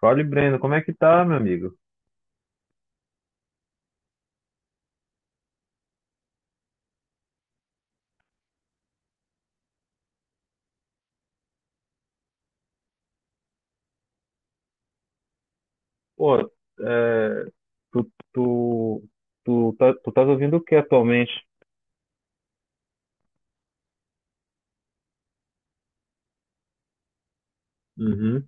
Fala, Breno, como é que tá, meu amigo? Pô, é, tu, tu, tu tá ouvindo o que atualmente? Uhum,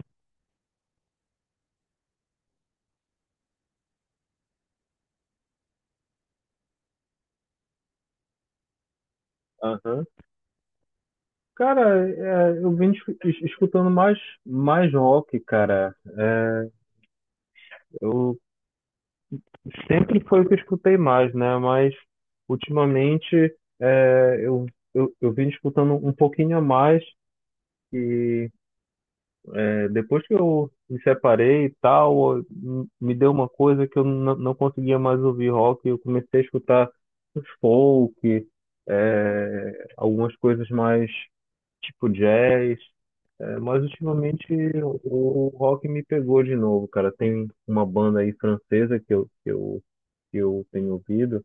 aham. Cara, eu vim escutando mais rock, cara. Eu sempre foi o que eu escutei mais, né? Mas ultimamente é, eu, eu vim escutando um pouquinho a mais. Depois que eu me separei e tal, me deu uma coisa que eu não conseguia mais ouvir rock. Eu comecei a escutar os folk, algumas coisas mais tipo jazz. Mas ultimamente o, o rock me pegou de novo, cara. Tem uma banda aí francesa que eu tenho ouvido,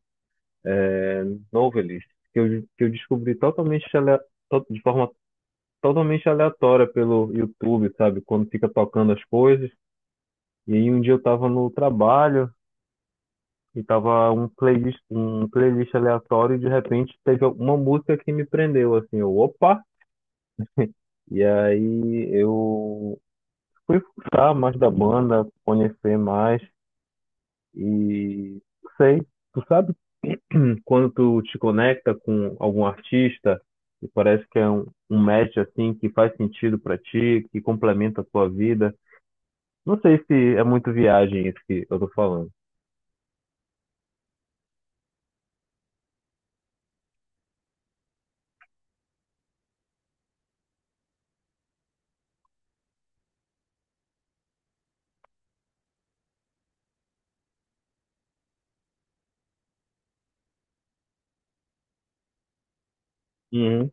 Novelist, que eu descobri de forma totalmente aleatória pelo YouTube, sabe? Quando fica tocando as coisas. E aí um dia eu tava no trabalho e tava um playlist aleatório e de repente teve uma música que me prendeu, assim, eu, opa! E aí eu fui buscar mais da banda, conhecer mais e sei, tu sabe quando tu te conecta com algum artista e parece que é um match assim que faz sentido pra ti, que complementa a tua vida. Não sei se é muito viagem isso que eu tô falando. Uhum.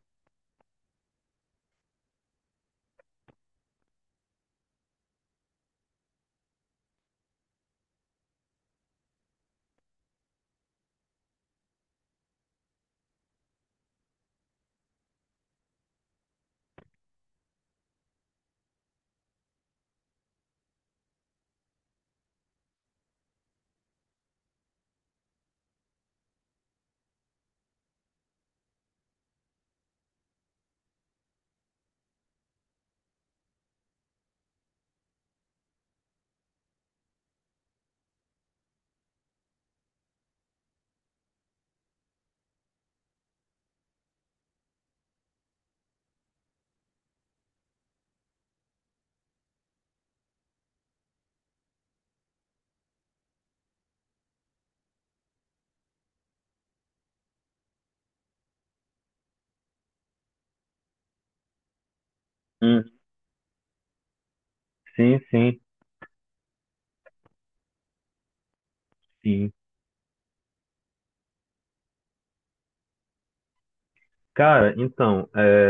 Uhum. Sim, sim. Sim. Cara, então,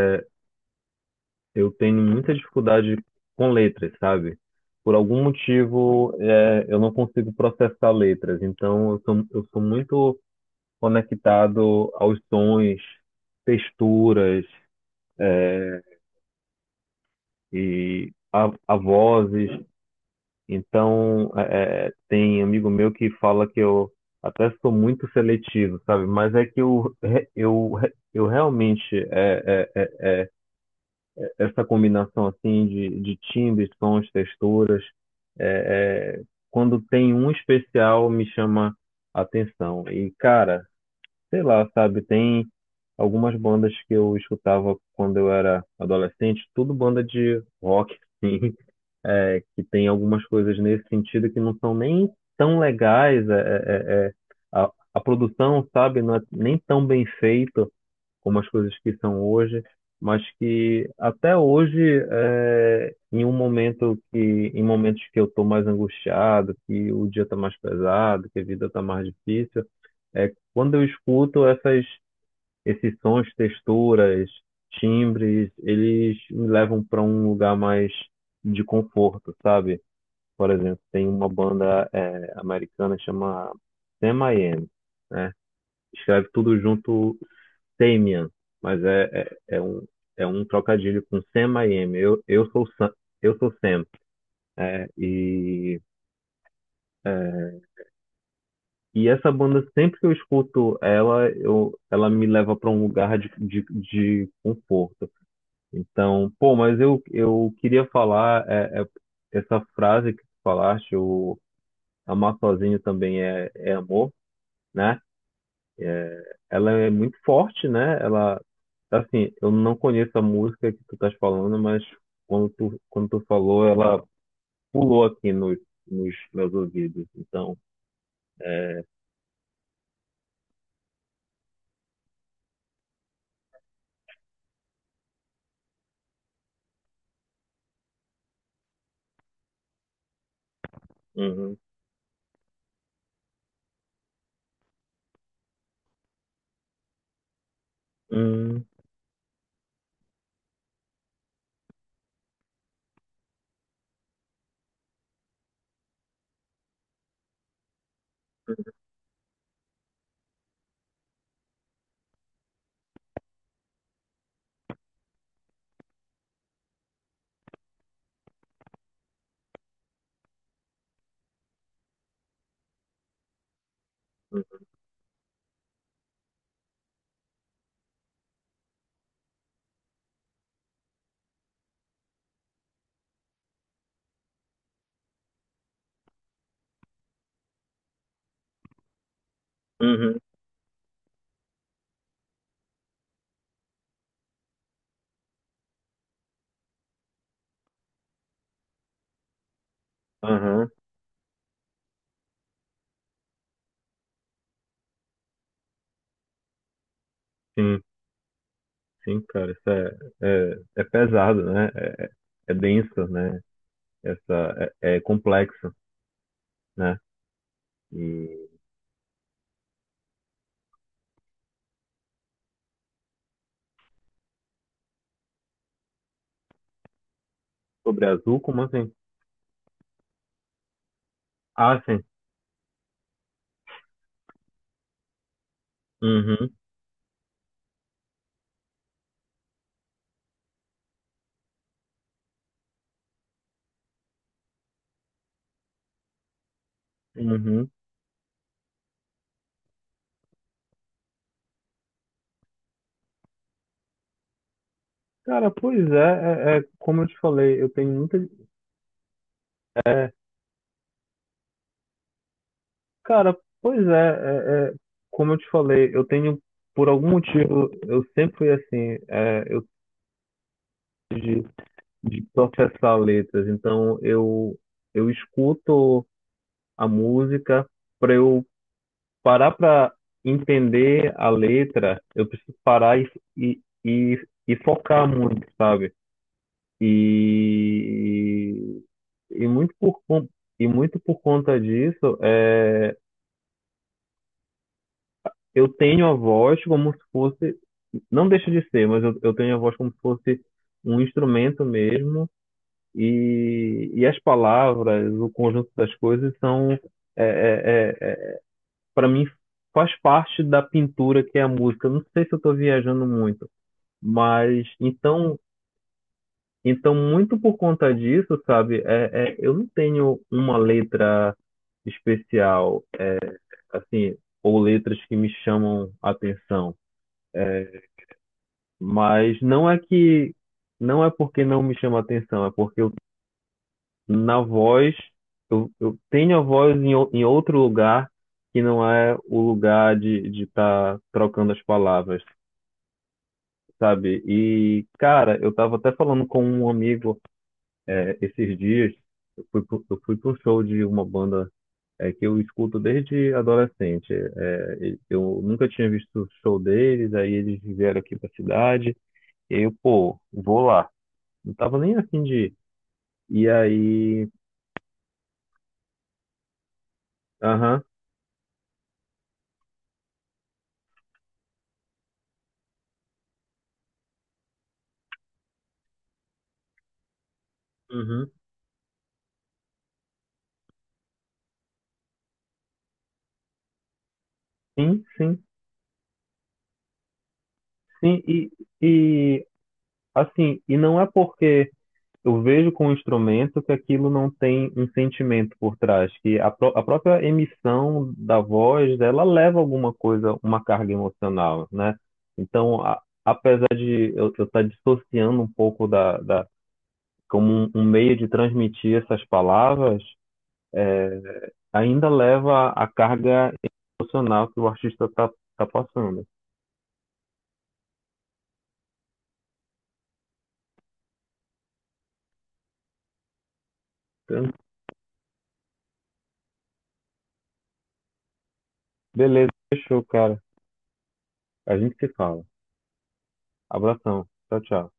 eu tenho muita dificuldade com letras, sabe? Por algum motivo, eu não consigo processar letras. Então, eu sou muito conectado aos sons, texturas e a vozes. Então, tem amigo meu que fala que eu até sou muito seletivo, sabe? Mas é que eu realmente é, é, essa combinação assim de timbres, sons, texturas. É, é, Quando tem um especial, me chama a atenção. E, cara, sei lá, sabe, tem algumas bandas que eu escutava quando eu era adolescente, tudo banda de rock, assim, que tem algumas coisas nesse sentido que não são nem tão legais, a produção, sabe, não é nem tão bem feita, como as coisas que são hoje, mas que até hoje, em um momento em momentos que eu estou mais angustiado, que o dia está mais pesado, que a vida está mais difícil, é quando eu escuto esses sons, texturas, timbres, eles me levam para um lugar mais de conforto, sabe? Por exemplo, tem uma banda americana que chama Sam I Am, né? Escreve tudo junto Damien, mas é, é um, é um trocadilho com Sam I Am. Eu sou Sam, eu sou Sam. É, e, é, e essa banda, sempre que eu escuto ela, eu, ela me leva para um lugar de conforto. Então, pô, mas eu queria falar essa frase que tu falaste, o amar sozinho também é amor, né? Ela é muito forte, né? Ela, assim, eu não conheço a música que tu estás falando, mas quando tu falou, ela pulou aqui nos meus ouvidos. Então, uhum, uhum, uhum, aham, sim, sim, cara, isso é pesado, né? É, é denso, né? É complexo, né? E sobre azul, como assim? Ah, sim, uhum, uhum. Cara, pois é, como eu te falei, eu tenho muita é, cara, pois é, é, é, como eu te falei, eu tenho, por algum motivo, eu sempre fui assim, é, eu de, de processar letras, então eu escuto a música para eu parar para entender a letra, eu preciso parar e focar muito, sabe? E, e muito e muito por conta disso, é, eu tenho a voz como se fosse, não deixa de ser, mas eu tenho a voz como se fosse um instrumento mesmo, e as palavras, o conjunto das coisas são, é é é, para mim, faz parte da pintura que é a música. Não sei se eu estou viajando muito, mas então, então muito por conta disso, sabe? Eu não tenho uma letra especial, assim, ou letras que me chamam a atenção. Mas não é que não é porque não me chama atenção, é porque eu, na voz eu tenho a voz em, em outro lugar que não é o lugar de estar trocando as palavras, sabe? E cara, eu tava até falando com um amigo esses dias, eu fui pro show de uma banda que eu escuto desde adolescente. É, eu nunca tinha visto o show deles, aí eles vieram aqui pra cidade, e eu, pô, vou lá. Não tava nem afim de ir. E aí, aham, uhum, sim, sim, sim. E assim, e não é porque eu vejo com o instrumento que aquilo não tem um sentimento por trás, que a própria emissão da voz, ela leva alguma coisa, uma carga emocional, né? Então, apesar de eu estar dissociando um pouco da como um meio de transmitir essas palavras, é, ainda leva a carga emocional que o artista tá passando. Então, beleza, fechou, cara. A gente se fala. Abração. Tchau, tchau.